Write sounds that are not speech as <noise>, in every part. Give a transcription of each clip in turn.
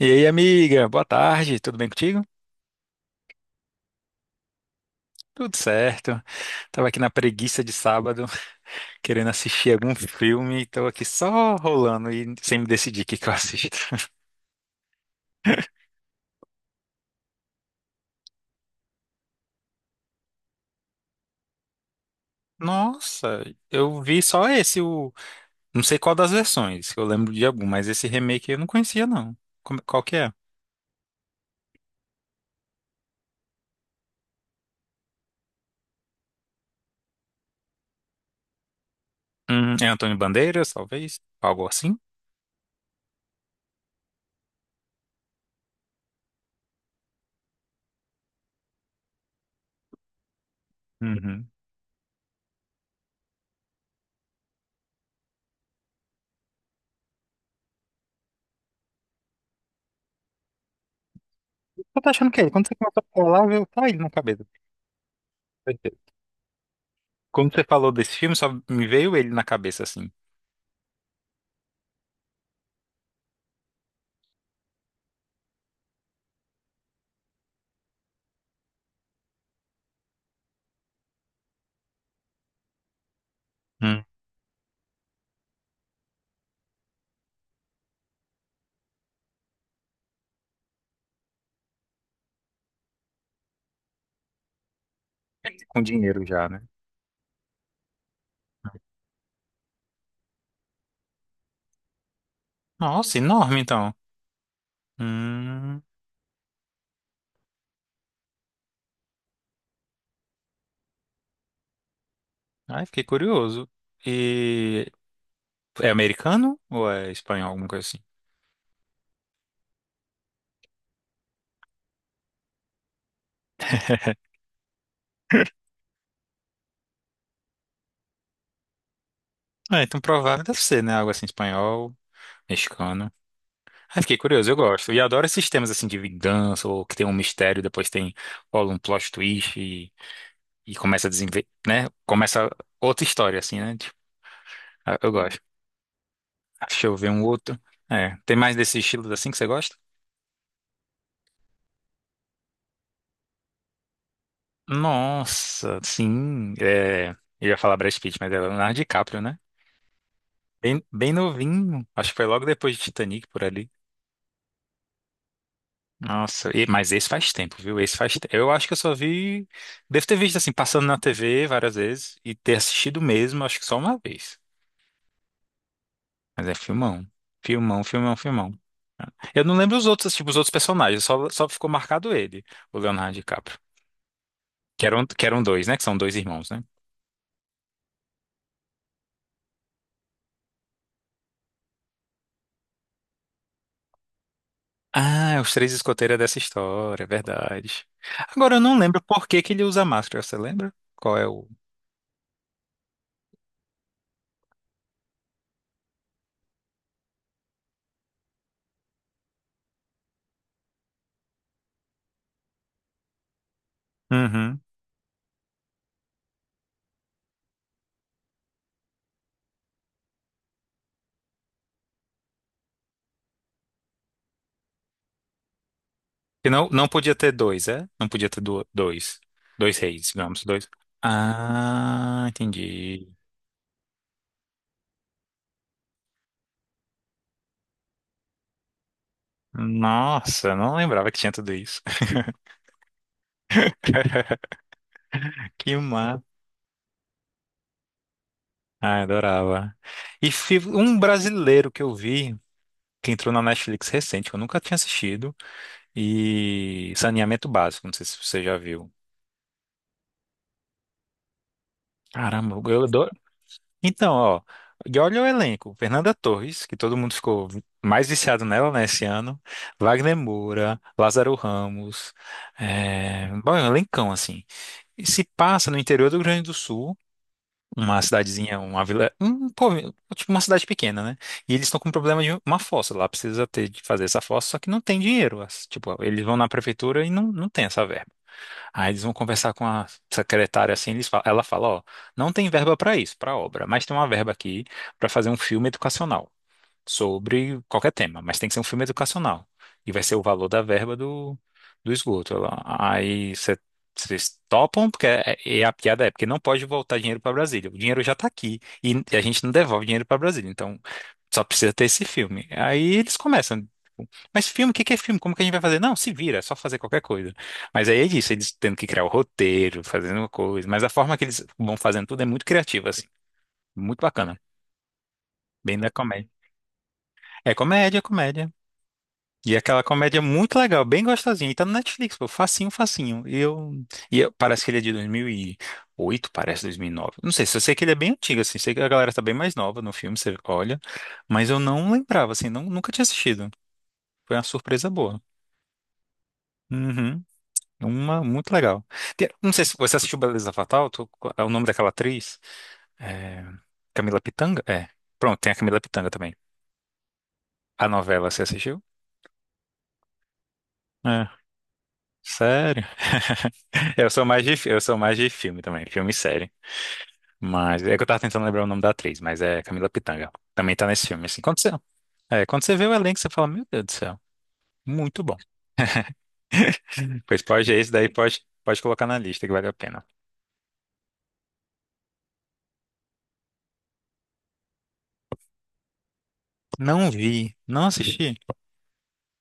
E aí, amiga, boa tarde, tudo bem contigo? Tudo certo. Tava aqui na preguiça de sábado, <laughs> querendo assistir algum filme, e tô aqui só rolando e sem me decidir o que eu assisto. <laughs> Nossa, eu vi só esse, não sei qual das versões, eu lembro de algum, mas esse remake eu não conhecia, não. Qual que é? É Antônio Bandeiras, talvez? Algo assim? Uhum. Eu tô achando que é ele. Quando você começou a falar, veio tá ele na cabeça. Quando você falou desse filme, só me veio ele na cabeça, assim. Com dinheiro já, né? Nossa, enorme então. Hum, ai, fiquei curioso. E é americano ou é espanhol, alguma coisa assim? É, então provável deve ser, né? Algo assim, espanhol, mexicano. Ai, fiquei curioso, eu gosto. E adoro esses temas assim de vingança, ou que tem um mistério, depois tem rola um plot twist e começa a desenvolver, né? Começa outra história, assim, né? Tipo, ah, eu gosto. Ah, deixa eu ver um outro. É, tem mais desse estilo assim que você gosta? Nossa, sim. É, eu ia falar Brad Pitt, mas é Leonardo DiCaprio, né? Bem, bem novinho. Acho que foi logo depois de Titanic por ali. Nossa, mas esse faz tempo, viu? Esse faz tempo. Eu acho que eu só vi. Devo ter visto assim, passando na TV várias vezes e ter assistido mesmo, acho que só uma vez. Mas é filmão. Filmão, filmão, filmão. Eu não lembro os outros, tipo, os outros personagens, só ficou marcado ele, o Leonardo DiCaprio. Que eram dois, né? Que são dois irmãos, né? Ah, os três escoteiros é dessa história, é verdade. Agora eu não lembro por que que ele usa máscara, você lembra? Qual é o. Uhum. Que não, não podia ter dois, é? Não podia ter dois. Dois reis, digamos, dois. Ah, entendi. Nossa, não lembrava que tinha tudo isso. <laughs> Que má. Ah, adorava. E um brasileiro que eu vi, que entrou na Netflix recente, que eu nunca tinha assistido, e Saneamento Básico, não sei se você já viu. Caramba, eu, então, ó, e olha o elenco. Fernanda Torres, que todo mundo ficou mais viciado nela, né, esse ano. Wagner Moura, Lázaro Ramos. Bom, é um elencão, assim. E se passa no interior do Rio Grande do Sul, uma cidadezinha, uma vila, um, tipo uma cidade pequena, né? E eles estão com problema de uma fossa lá, precisa ter de fazer essa fossa, só que não tem dinheiro. Tipo, eles vão na prefeitura e não tem essa verba. Aí eles vão conversar com a secretária assim, ela fala, ó, não tem verba para isso, para obra, mas tem uma verba aqui para fazer um filme educacional sobre qualquer tema, mas tem que ser um filme educacional. E vai ser o valor da verba do esgoto. Vocês topam, porque e a piada é porque não pode voltar dinheiro para Brasília. O dinheiro já está aqui e a gente não devolve dinheiro para Brasília, então só precisa ter esse filme. Aí eles começam. Mas filme, o que que é filme? Como que a gente vai fazer? Não, se vira, é só fazer qualquer coisa. Mas aí é isso, eles tendo que criar o roteiro, fazendo uma coisa. Mas a forma que eles vão fazendo tudo é muito criativa, assim. Muito bacana. Bem da comédia. É comédia, comédia. E aquela comédia muito legal, bem gostosinha. E tá no Netflix, pô, facinho, facinho. Parece que ele é de 2008, parece 2009. Não sei, só sei que ele é bem antigo, assim. Sei que a galera tá bem mais nova no filme, você olha. Mas eu não lembrava, assim, não, nunca tinha assistido. Foi uma surpresa boa. Uhum. Uma muito legal. Não sei se você assistiu Beleza Fatal, é o nome daquela atriz. É, Camila Pitanga? É. Pronto, tem a Camila Pitanga também. A novela você assistiu? É. Sério? <laughs> Eu sou mais de, eu sou mais de filme também, filme e série. Mas é que eu tava tentando lembrar o nome da atriz, mas é Camila Pitanga. Também tá nesse filme, assim. Quando você vê o elenco, você fala, meu Deus do céu, muito bom. <laughs> Pois pode, esse daí pode colocar na lista que vale a pena. Não vi, não assisti.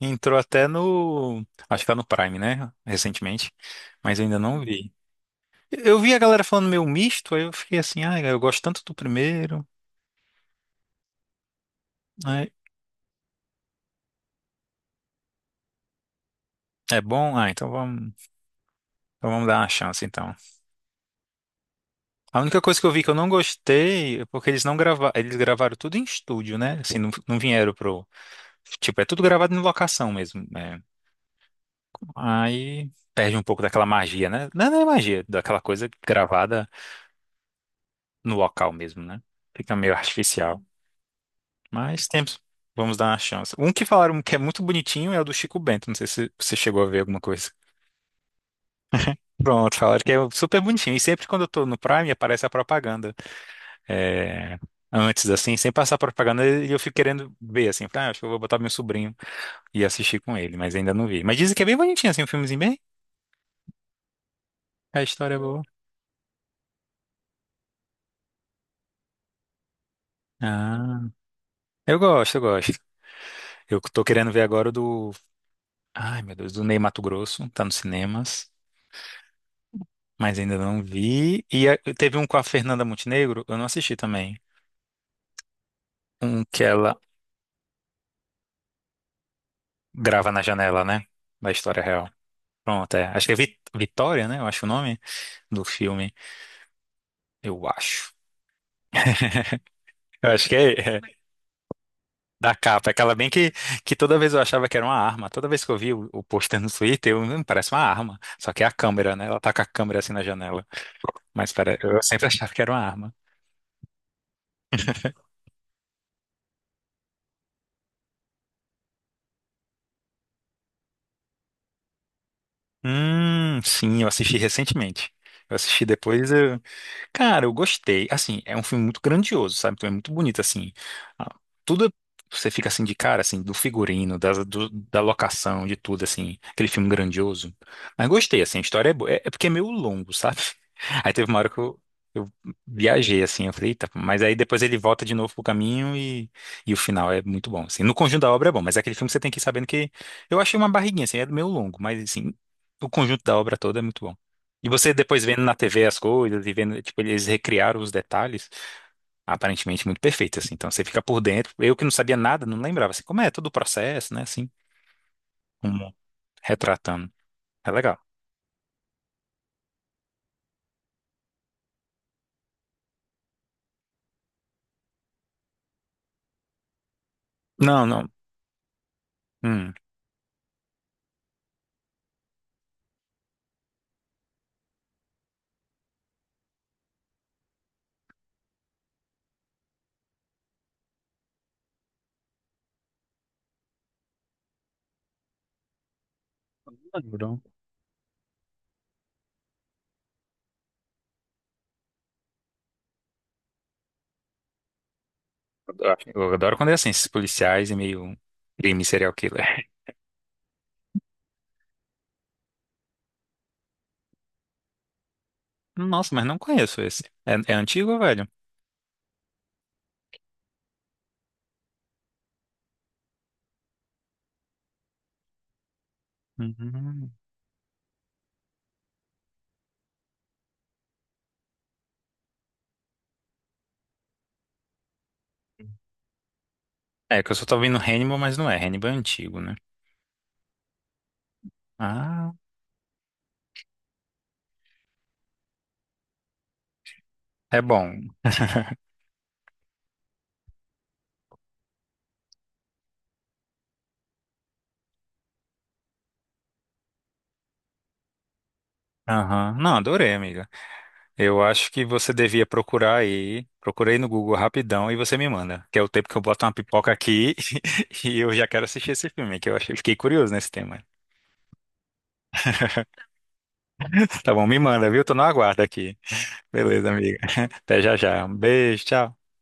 Entrou até no. Acho que tá no Prime, né? Recentemente. Mas eu ainda não vi. Eu vi a galera falando meio misto, aí eu fiquei assim, ah, eu gosto tanto do primeiro. Né? É bom? Então vamos dar uma chance, então. A única coisa que eu vi que eu não gostei é porque eles não gravaram. Eles gravaram tudo em estúdio, né? Assim, não vieram pro. Tipo, é tudo gravado em locação mesmo. Né? Aí perde um pouco daquela magia, né? Não é magia, daquela coisa gravada no local mesmo, né? Fica meio artificial. Mas temos. Vamos dar uma chance. Um que falaram que é muito bonitinho é o do Chico Bento. Não sei se você chegou a ver alguma coisa. Pronto, falaram que é super bonitinho. E sempre quando eu tô no Prime aparece a propaganda. É, antes, assim, sem passar a propaganda, e eu fico querendo ver, assim. Ah, acho que eu vou botar meu sobrinho e assistir com ele, mas ainda não vi. Mas dizem que é bem bonitinho, assim, um filmezinho bem. A história é boa. Ah, eu gosto, eu gosto. Eu tô querendo ver agora o do. Ai, meu Deus, do Ney Matogrosso. Tá nos cinemas. Mas ainda não vi. E teve um com a Fernanda Montenegro, eu não assisti também. Um que ela grava na janela, né? Da história real. Pronto, é. Acho que é Vitória, né? Eu acho o nome do filme. Eu acho. Eu acho que é da capa. Aquela bem que toda vez eu achava que era uma arma. Toda vez que eu vi o pôster no Twitter, eu, parece uma arma." Só que é a câmera, né? Ela tá com a câmera assim na janela. Mas pera, eu sempre <laughs> achava que era uma arma. Sim, eu assisti recentemente. Eu assisti depois. Eu, cara, eu gostei. Assim, é um filme muito grandioso, sabe? Então é muito bonito, assim. Ah, tudo, você fica assim de cara, assim, do figurino, da locação, de tudo, assim. Aquele filme grandioso. Mas gostei, assim, a história é boa. É, é porque é meio longo, sabe? <laughs> Aí teve uma hora que eu viajei, assim, eu falei, eita, mas aí depois ele volta de novo pro caminho e o final é muito bom, assim. No conjunto da obra é bom, mas é aquele filme que você tem que ir sabendo que... Eu achei uma barriguinha, assim, é meio longo, mas, assim, o conjunto da obra toda é muito bom. E você depois vendo na TV as coisas e vendo, tipo, eles recriaram os detalhes, aparentemente muito perfeito, assim. Então você fica por dentro. Eu que não sabia nada, não lembrava, assim, como é todo o processo, né, assim, como retratando. É legal. Não, não. Hum. Não, eu adoro, eu adoro quando é assim, esses policiais e meio crime serial killer. Nossa, mas não conheço esse. É, é antigo, velho? Uhum. É, que eu só tô vendo Hannibal, mas não é. Hannibal é antigo, né? Ah, é bom. Aham. Não, adorei, amigo. Eu acho que você devia procurar aí. Procurei no Google rapidão e você me manda. Que é o tempo que eu boto uma pipoca aqui <laughs> e eu já quero assistir esse filme, que eu achei, fiquei curioso nesse tema. Tá bom, me manda, viu? Tô no aguardo aqui. Beleza, amiga. <laughs> Até já já. Um beijo, tchau.